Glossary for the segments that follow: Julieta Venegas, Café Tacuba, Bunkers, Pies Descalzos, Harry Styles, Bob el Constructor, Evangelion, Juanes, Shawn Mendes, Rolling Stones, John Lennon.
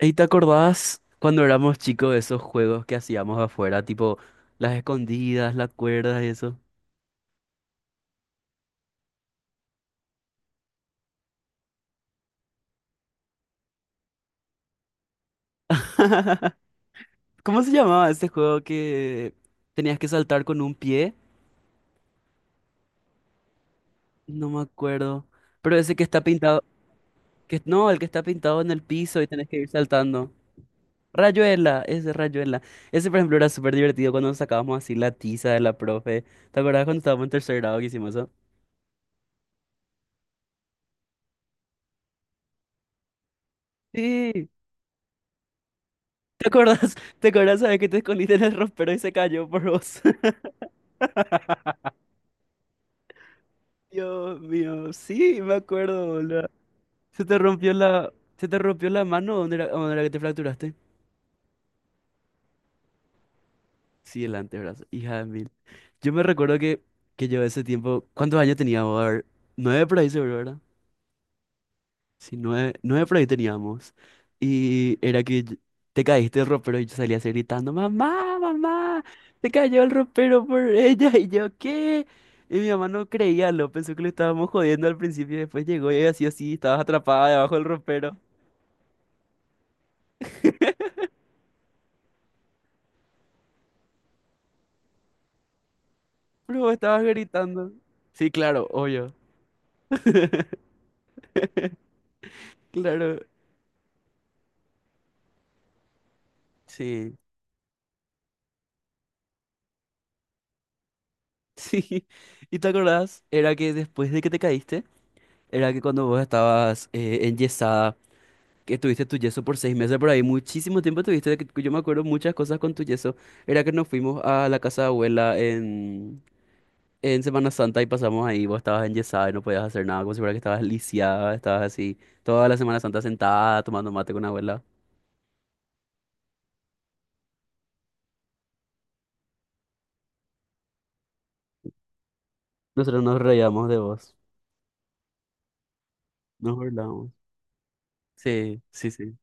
¿Y te acordás cuando éramos chicos de esos juegos que hacíamos afuera, tipo las escondidas, las cuerdas y eso? ¿Cómo se llamaba ese juego que tenías que saltar con un pie? No me acuerdo. Pero ese que está pintado, que no, el que está pintado en el piso y tenés que ir saltando. Rayuela. Ese, por ejemplo, era súper divertido cuando sacábamos así la tiza de la profe. ¿Te acordás cuando estábamos en tercer grado que hicimos eso? Sí. ¿Te acordás? ¿Te acordás, sabes que te escondiste en el ropero y se cayó por vos? Dios mío, sí, me acuerdo, boludo. Se te rompió la, Se te rompió la mano, dónde era que te fracturaste? Sí, el antebrazo, hija de mil. Yo me recuerdo que yo ese tiempo, ¿cuántos años teníamos? A ver, 9 por ahí seguro, ¿verdad? Sí, 9, 9 por ahí teníamos. Y era que yo- te caíste del ropero y yo salía así gritando, mamá, mamá, se cayó el ropero por ella. Y yo, ¿qué? Y mi mamá no creía, lo pensó que lo estábamos jodiendo al principio y después llegó y así así, estabas atrapada debajo del ropero. Pero vos estabas gritando. Sí, claro, obvio. Claro, sí. Sí. ¿Y te acordás? Era que después de que te caíste, era que cuando vos estabas enyesada, que tuviste tu yeso por 6 meses por ahí, muchísimo tiempo tuviste, de que yo me acuerdo muchas cosas con tu yeso. Era que nos fuimos a la casa de abuela en Semana Santa y pasamos ahí, vos estabas enyesada y no podías hacer nada, como si fuera que estabas lisiada, estabas así, toda la Semana Santa sentada tomando mate con abuela. Nosotros nos reíamos de vos, nos burlábamos. Sí, sí, sí,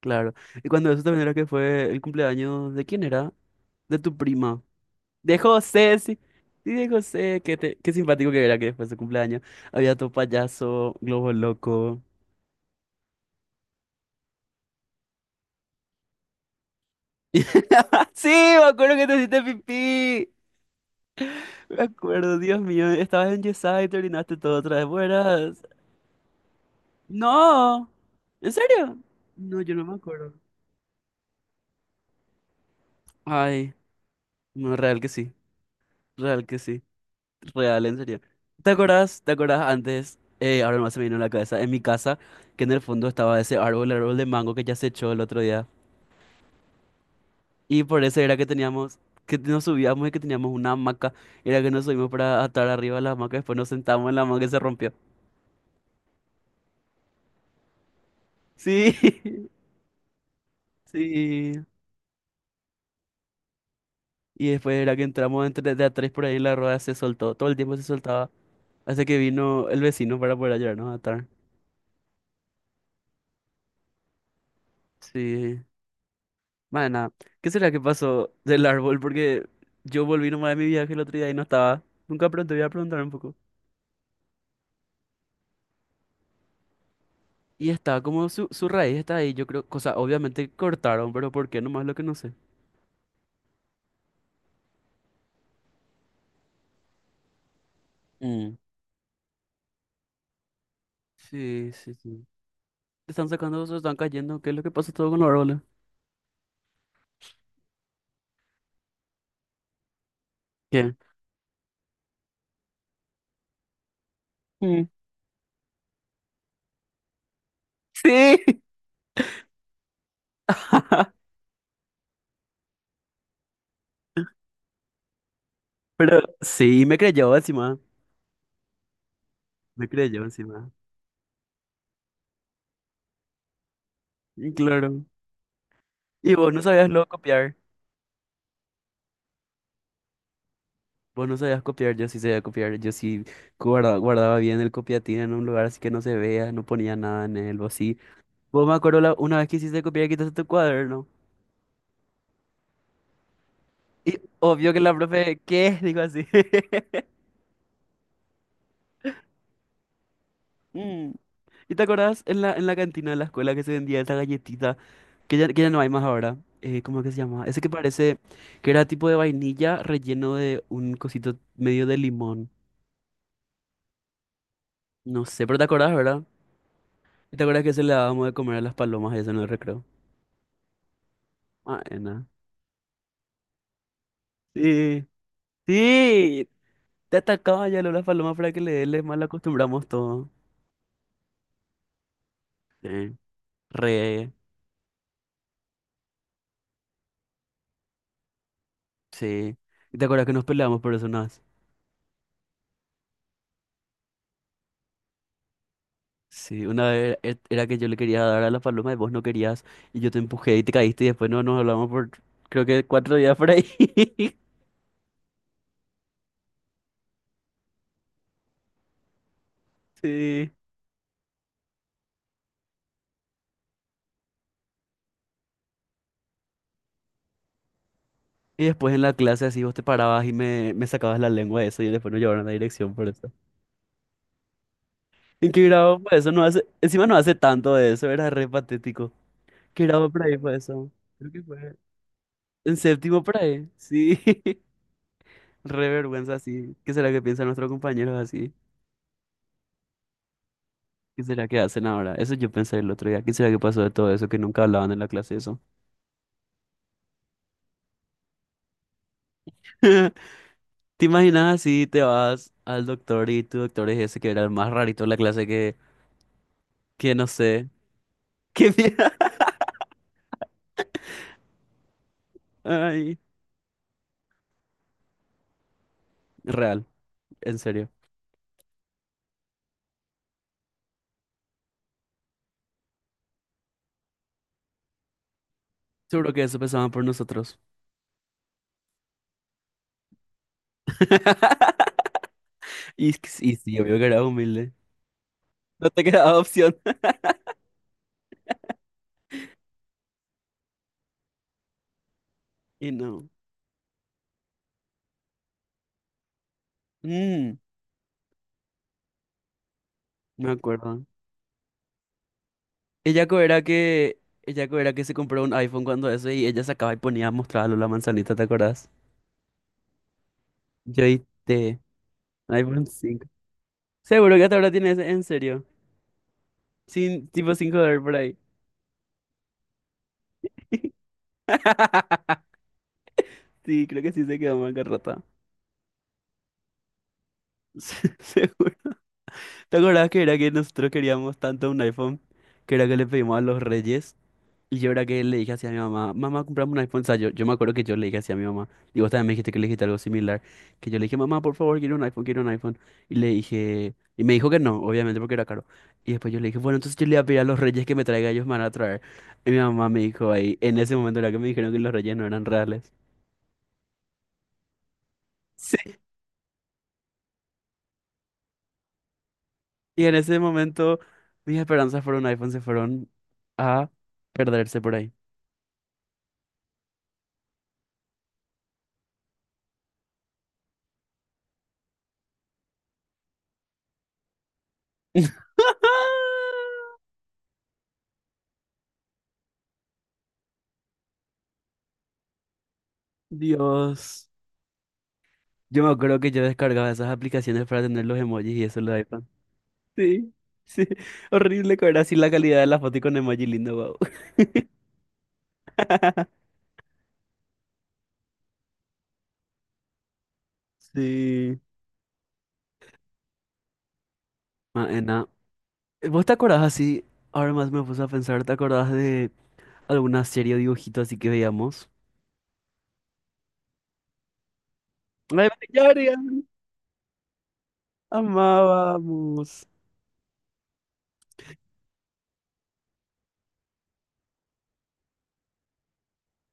claro. Y cuando eso también era que fue el cumpleaños de ¿quién era? De tu prima. De José, sí. Sí, de José, qué, te- qué simpático que era que después de su cumpleaños había tu payaso, globo loco. Sí, me acuerdo que te hiciste pipí. Me acuerdo, Dios mío, estabas enyesada y te orinaste todo otra vez. Buenas. No, ¿en serio? No, yo no me acuerdo. Ay, no, real que sí, real que sí. Real, en serio. ¿Te acuerdas? ¿Te acuerdas antes? Ahora más se me vino a la cabeza. En mi casa, que en el fondo estaba ese árbol, el árbol de mango que ya se echó el otro día. Y por eso era que teníamos, que nos subíamos y que teníamos una hamaca. Era que nos subimos para atar arriba de la hamaca. Después nos sentamos en la hamaca y se rompió. Sí, sí. Y después era que entramos entre de a tres por ahí y la rueda se soltó. Todo el tiempo se soltaba. Hasta que vino el vecino para poder ayudarnos a atar. Sí. Mana, ¿qué será que pasó del árbol? Porque yo volví nomás de mi viaje el otro día y no estaba. Nunca pregunté, voy a preguntar un poco. Y está, como su raíz está ahí, yo creo, cosa, obviamente cortaron, pero ¿por qué? Nomás lo que no sé. Mm. Sí, sí, sí. Están sacando, se están cayendo, ¿qué es lo que pasa todo con los árboles? ¿Qué? Mm. Sí. Pero sí, me creyó encima, me creyó encima. Y claro. Y vos no sabías luego copiar. Vos no sabías copiar, yo sí sabía copiar, yo sí guarda- guardaba, bien el copiatín en un lugar así que no se vea, no ponía nada en él, o así. Vos me acuerdo una vez que hiciste copiar, y quitaste tu cuaderno. Y obvio que la profe, ¿qué? Dijo así. Mm. ¿Y te acordás en la cantina de la escuela que se vendía esa galletita, que ya no hay más ahora? ¿Cómo es que se llama? Ese que parece que era tipo de vainilla relleno de un cosito medio de limón. No sé, pero te acordás, ¿verdad? ¿Y te acordás que se le dábamos de comer a las palomas eso en el recreo? Ah, sí, sí, te atacaba ya la paloma para que le dé, le mal acostumbramos todo. Sí, re, sí. ¿Y te acuerdas que nos peleamos por eso una vez? Sí, una vez e- era que yo le quería dar a la paloma y vos no querías y yo te empujé y te caíste y después no nos hablamos por creo que 4 días por ahí. Sí. Y después en la clase así vos te parabas y me sacabas la lengua de eso y después nos llevaron a la dirección por eso. ¿En qué grado fue eso? No hace, encima no hace tanto de eso, era re patético. ¿Qué grado por ahí fue eso? Creo que fue. En séptimo por ahí, sí. Re vergüenza, sí. ¿Qué será que piensan nuestros compañeros así? ¿Qué será que hacen ahora? Eso yo pensé el otro día. ¿Qué será que pasó de todo eso que nunca hablaban en la clase eso? ¿Te imaginas así? Te vas al doctor y tu doctor es ese que era el más rarito de la clase que no sé. ¿Qué mierda? Ay, real, en serio. Seguro que eso pensaban por nosotros. Y, y sí, obvio que era humilde. No te quedaba opción. Y no. Mm, me acuerdo. Ella era que se compró un iPhone cuando eso y ella sacaba y ponía a mostrarlo la manzanita, ¿te acordás? Yo te iPhone 5. Seguro que hasta ahora tiene ese, en serio. Sin, tipo $5 por ahí. Sí, creo que sí se quedó en bancarrota. Seguro. ¿Te acordás que era que nosotros queríamos tanto un iPhone? Que era que le pedimos a los reyes. Y yo era que le dije así a mi mamá, mamá, comprame un iPhone. O sea, yo me acuerdo que yo le dije así a mi mamá, y vos también me dijiste que le dijiste algo similar, que yo le dije, mamá, por favor, quiero un iPhone, quiero un iPhone. Y le dije, y me dijo que no, obviamente porque era caro. Y después yo le dije, bueno, entonces yo le voy a pedir a los reyes que me traiga, ellos me van a traer. Y mi mamá me dijo ahí, en ese momento era que me dijeron que los reyes no eran reales. Sí. Y en ese momento mis esperanzas por un iPhone se fueron a perderse por ahí. Dios. Yo me acuerdo que yo descargaba esas aplicaciones para tener los emojis y eso en los iPhone. Sí, sí. Horrible que era así la calidad de la foto y con emoji lindo, wow. Sí. Maena. ¿Vos te acordás así? Ahora más me puse a pensar, ¿te acordás de alguna serie o dibujito así que veíamos? ¡Ay, Evangelion! Amábamos.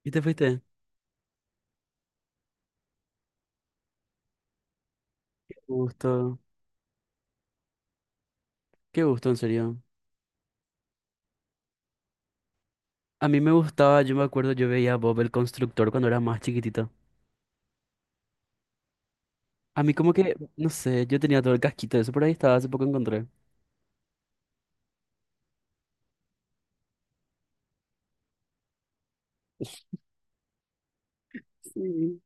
¿Y te fuiste? Qué gusto. Qué gusto, en serio. A mí me gustaba, yo me acuerdo, yo veía a Bob el Constructor cuando era más chiquitito. A mí como que, no sé, yo tenía todo el casquito de eso por ahí, estaba, hace poco encontré. Sí.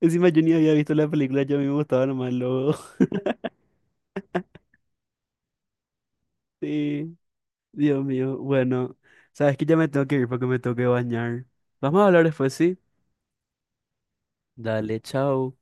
Encima yo ni había visto la película, yo a mí me gustaba nomás el logo. Sí, Dios mío. Bueno, sabes que ya me tengo que ir porque me tengo que bañar. Vamos a hablar después, ¿sí? Dale, chao.